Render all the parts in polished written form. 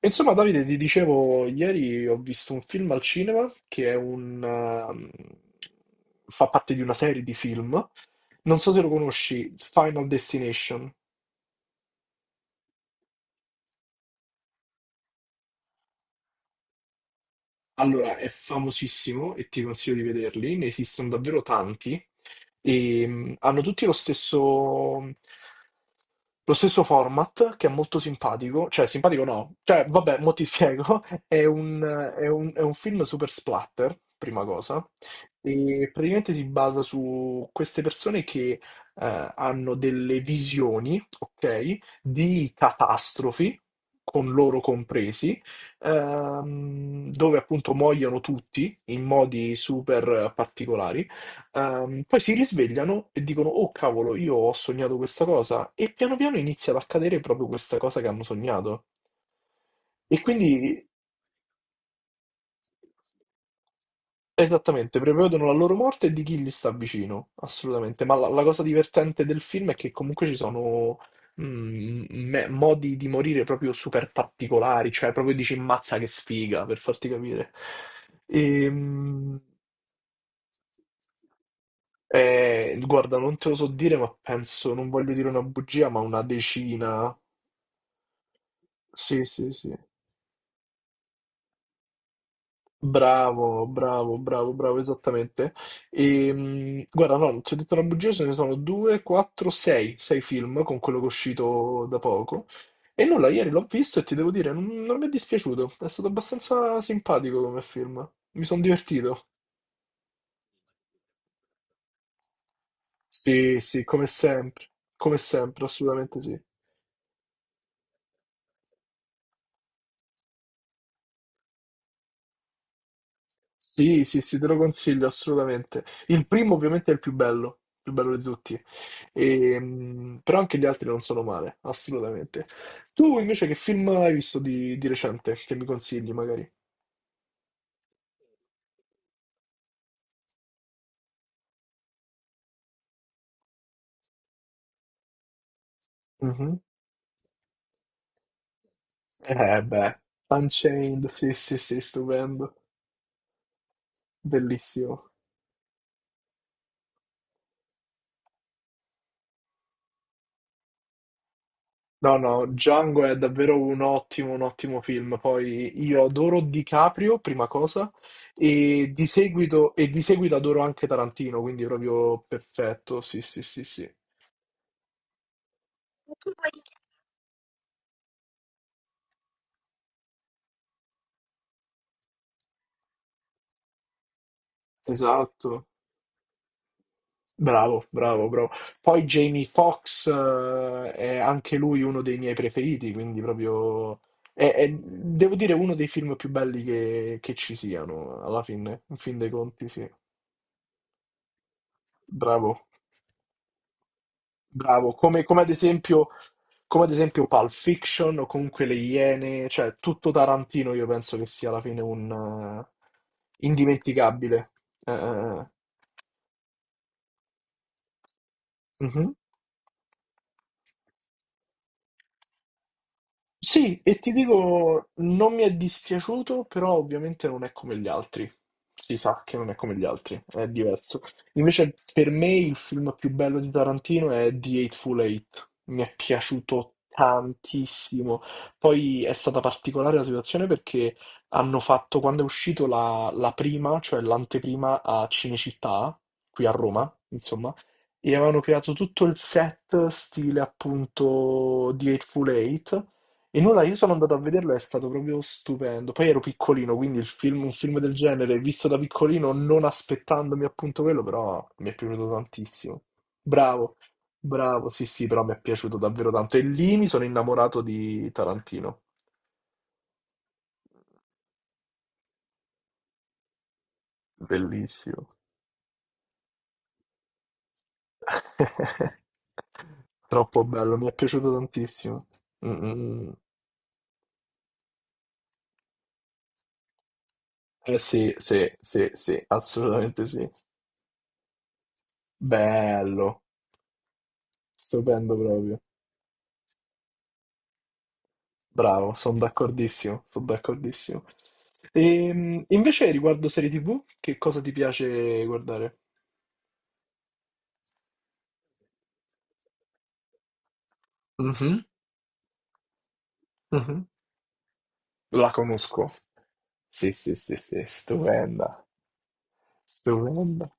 Insomma, Davide, ti dicevo, ieri ho visto un film al cinema che è fa parte di una serie di film. Non so se lo conosci, Final Destination. Allora, è famosissimo e ti consiglio di vederli, ne esistono davvero tanti e hanno tutti lo stesso format che è molto simpatico, cioè simpatico no, cioè vabbè, mo ti spiego, è un, è un film super splatter, prima cosa, e praticamente si basa su queste persone che hanno delle visioni, ok, di catastrofi, con loro compresi dove appunto muoiono tutti in modi super particolari. Poi si risvegliano e dicono: Oh cavolo, io ho sognato questa cosa. E piano piano inizia ad accadere proprio questa cosa che hanno sognato. E quindi. Esattamente, prevedono la loro morte e di chi gli sta vicino, assolutamente. Ma la cosa divertente del film è che comunque ci sono modi di morire proprio super particolari, cioè proprio dici mazza che sfiga, per farti capire. Ehm, Guarda, non te lo so dire, ma penso, non voglio dire una bugia, ma una decina. Sì, sì, sì. Bravo, bravo, bravo, bravo, esattamente. E, guarda, no, non ti ho detto una bugia, ce ne sono due, quattro, sei, sei film con quello che è uscito da poco. E nulla, ieri l'ho visto e ti devo dire, non mi è dispiaciuto, è stato abbastanza simpatico come film. Mi sono divertito. Sì, sì, come sempre, assolutamente sì. Sì, sì, sì, te lo consiglio assolutamente. Il primo ovviamente è il più bello di tutti. E, però anche gli altri non sono male, assolutamente. Tu invece che film hai visto di recente che mi consigli magari? Mhm. Eh beh, Unchained, sì, sì, sì, stupendo, bellissimo. No, no, Django è davvero un ottimo film. Poi io adoro DiCaprio, prima cosa, e di seguito adoro anche Tarantino, quindi proprio perfetto. Sì, sì, sì, sì. Esatto. Bravo, bravo, bravo. Poi Jamie Foxx è anche lui uno dei miei preferiti, quindi proprio... Devo dire, uno dei film più belli che ci siano, alla fine, in fin dei conti, sì. Bravo, bravo. Come ad esempio Pulp Fiction o comunque Le Iene, cioè tutto Tarantino io penso che sia alla fine un indimenticabile. Eh, eh, eh. Mhm. Sì, e ti dico, non mi è dispiaciuto, però ovviamente non è come gli altri. Si sa che non è come gli altri, è diverso. Invece per me il film più bello di Tarantino è The Eightful Eight. Mi è piaciuto tantissimo. Poi è stata particolare la situazione perché hanno fatto, quando è uscito la prima, cioè l'anteprima a Cinecittà, qui a Roma, insomma, e avevano creato tutto il set stile appunto The Eightful Eight e nulla, io sono andato a vederlo, è stato proprio stupendo. Poi ero piccolino, quindi un film del genere, visto da piccolino, non aspettandomi appunto quello, però mi è piaciuto tantissimo. Bravo, bravo, sì, sì, però mi è piaciuto davvero tanto. E lì mi sono innamorato di Tarantino. Bellissimo. Troppo bello, mi è piaciuto tantissimo. Mm, mm, mm. Eh sì, sì, sì, sì, assolutamente sì. Bello, stupendo proprio. Bravo, sono d'accordissimo, sono d'accordissimo. E, invece riguardo serie TV, che cosa ti piace guardare? Mhm, mhm. La conosco. Sì, sì, sì, sì, stupenda, stupenda.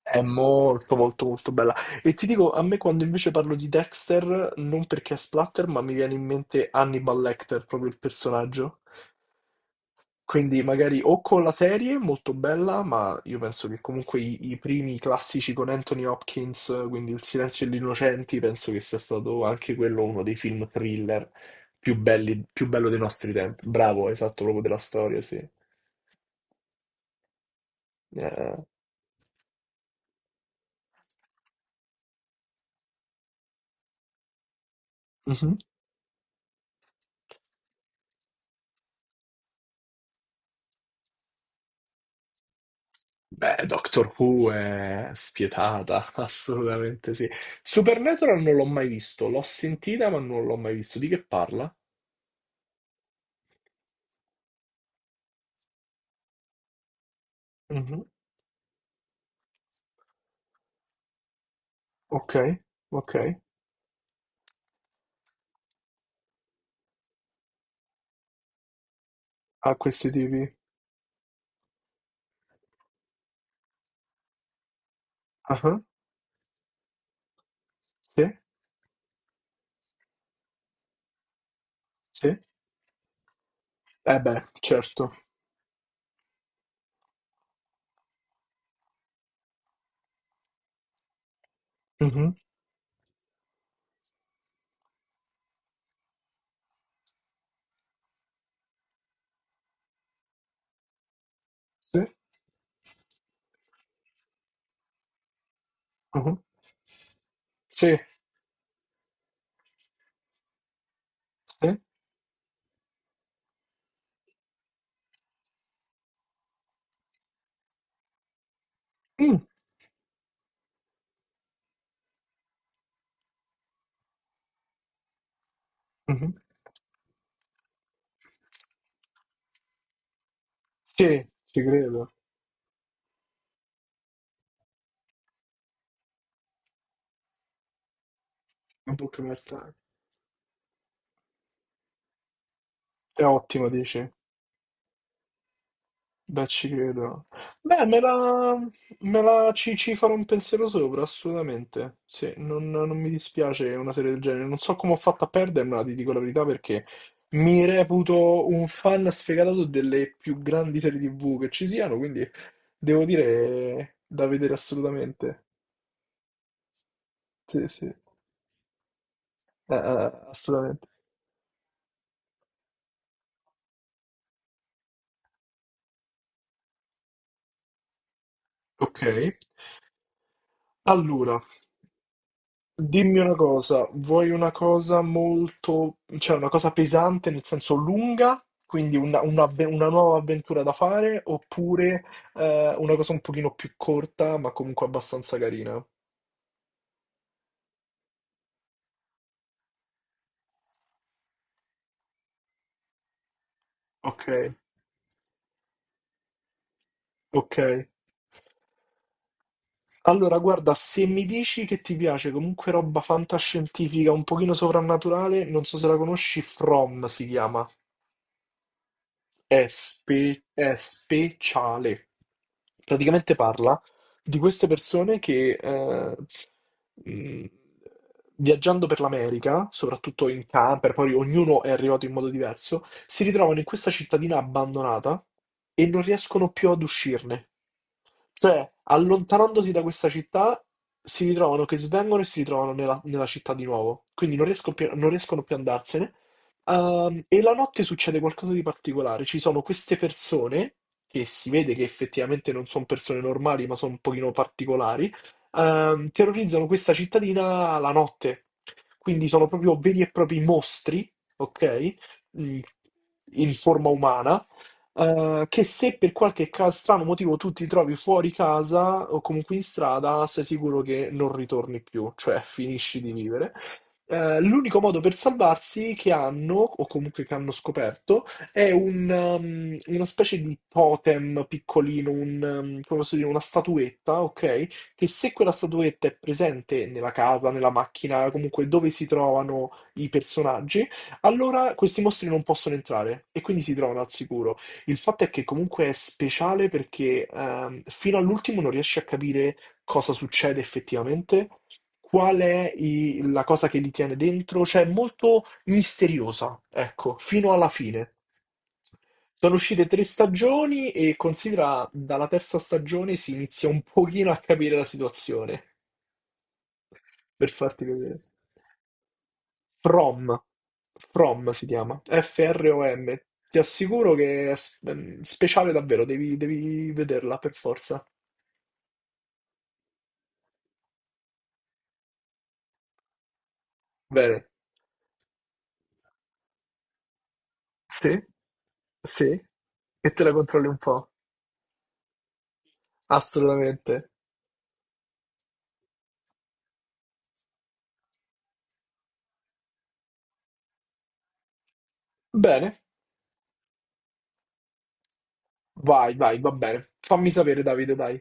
È molto, molto, molto bella. E ti dico, a me quando invece parlo di Dexter, non perché è splatter, ma mi viene in mente Hannibal Lecter, proprio il personaggio. Quindi magari o con la serie, molto bella, ma io penso che comunque i primi classici con Anthony Hopkins, quindi Il silenzio degli innocenti, penso che sia stato anche quello uno dei film thriller più belli, più bello dei nostri tempi. Bravo, esatto, proprio della storia, sì. Eh, mhm. Beh, Doctor Who è spietata, assolutamente sì. Supernatural non l'ho mai visto, l'ho sentita ma non l'ho mai visto. Di che parla? Mhm. Ok, ok. A questi tipi. Sì, sì. Eh beh, certo. Mh-mh. Sì, mh-mh. Sì, sì. Mh, mh-mh. Sì, ci credo. Un documentar È ottimo dici? Beh, ci credo. Beh, me la ci farò un pensiero sopra, assolutamente. Sì, non mi dispiace una serie del genere. Non so come ho fatto a perdermela, ti dico la verità, perché mi reputo un fan sfegatato delle più grandi serie TV che ci siano, quindi devo dire da vedere assolutamente. Sì, sì, assolutamente. Ok, allora, dimmi una cosa, vuoi una cosa molto, cioè una cosa pesante nel senso lunga, quindi una nuova avventura da fare, oppure una cosa un pochino più corta, ma comunque abbastanza carina? Ok, ok. Allora, guarda, se mi dici che ti piace comunque roba fantascientifica, un pochino soprannaturale, non so se la conosci, From si chiama. È speciale. Praticamente parla di queste persone che mh, viaggiando per l'America, soprattutto in camper, poi ognuno è arrivato in modo diverso, si ritrovano in questa cittadina abbandonata e non riescono più ad uscirne. Cioè, allontanandosi da questa città, si ritrovano che svengono e si ritrovano nella città di nuovo. Quindi non riescono più ad andarsene. E la notte succede qualcosa di particolare. Ci sono queste persone, che si vede che effettivamente non sono persone normali, ma sono un pochino particolari, terrorizzano questa cittadina la notte. Quindi sono proprio veri e propri mostri, ok? Mm, In forma umana che se per qualche strano motivo tu ti trovi fuori casa o comunque in strada, sei sicuro che non ritorni più, cioè finisci di vivere. L'unico modo per salvarsi che hanno, o comunque che hanno scoperto, è una specie di totem piccolino, come posso dire, una statuetta, ok? Che se quella statuetta è presente nella casa, nella macchina, comunque dove si trovano i personaggi, allora questi mostri non possono entrare e quindi si trovano al sicuro. Il fatto è che comunque è speciale perché fino all'ultimo non riesci a capire cosa succede effettivamente, qual è la cosa che li tiene dentro, cioè è molto misteriosa, ecco, fino alla fine. Sono uscite tre stagioni e considera dalla terza stagione si inizia un pochino a capire la situazione, per farti vedere. From, From si chiama, From. Ti assicuro che speciale davvero, devi, devi vederla per forza. Bene. Sì, sì. E te la controlli un po'. Assolutamente. Bene. Vai, vai, va bene. Fammi sapere, Davide, dai.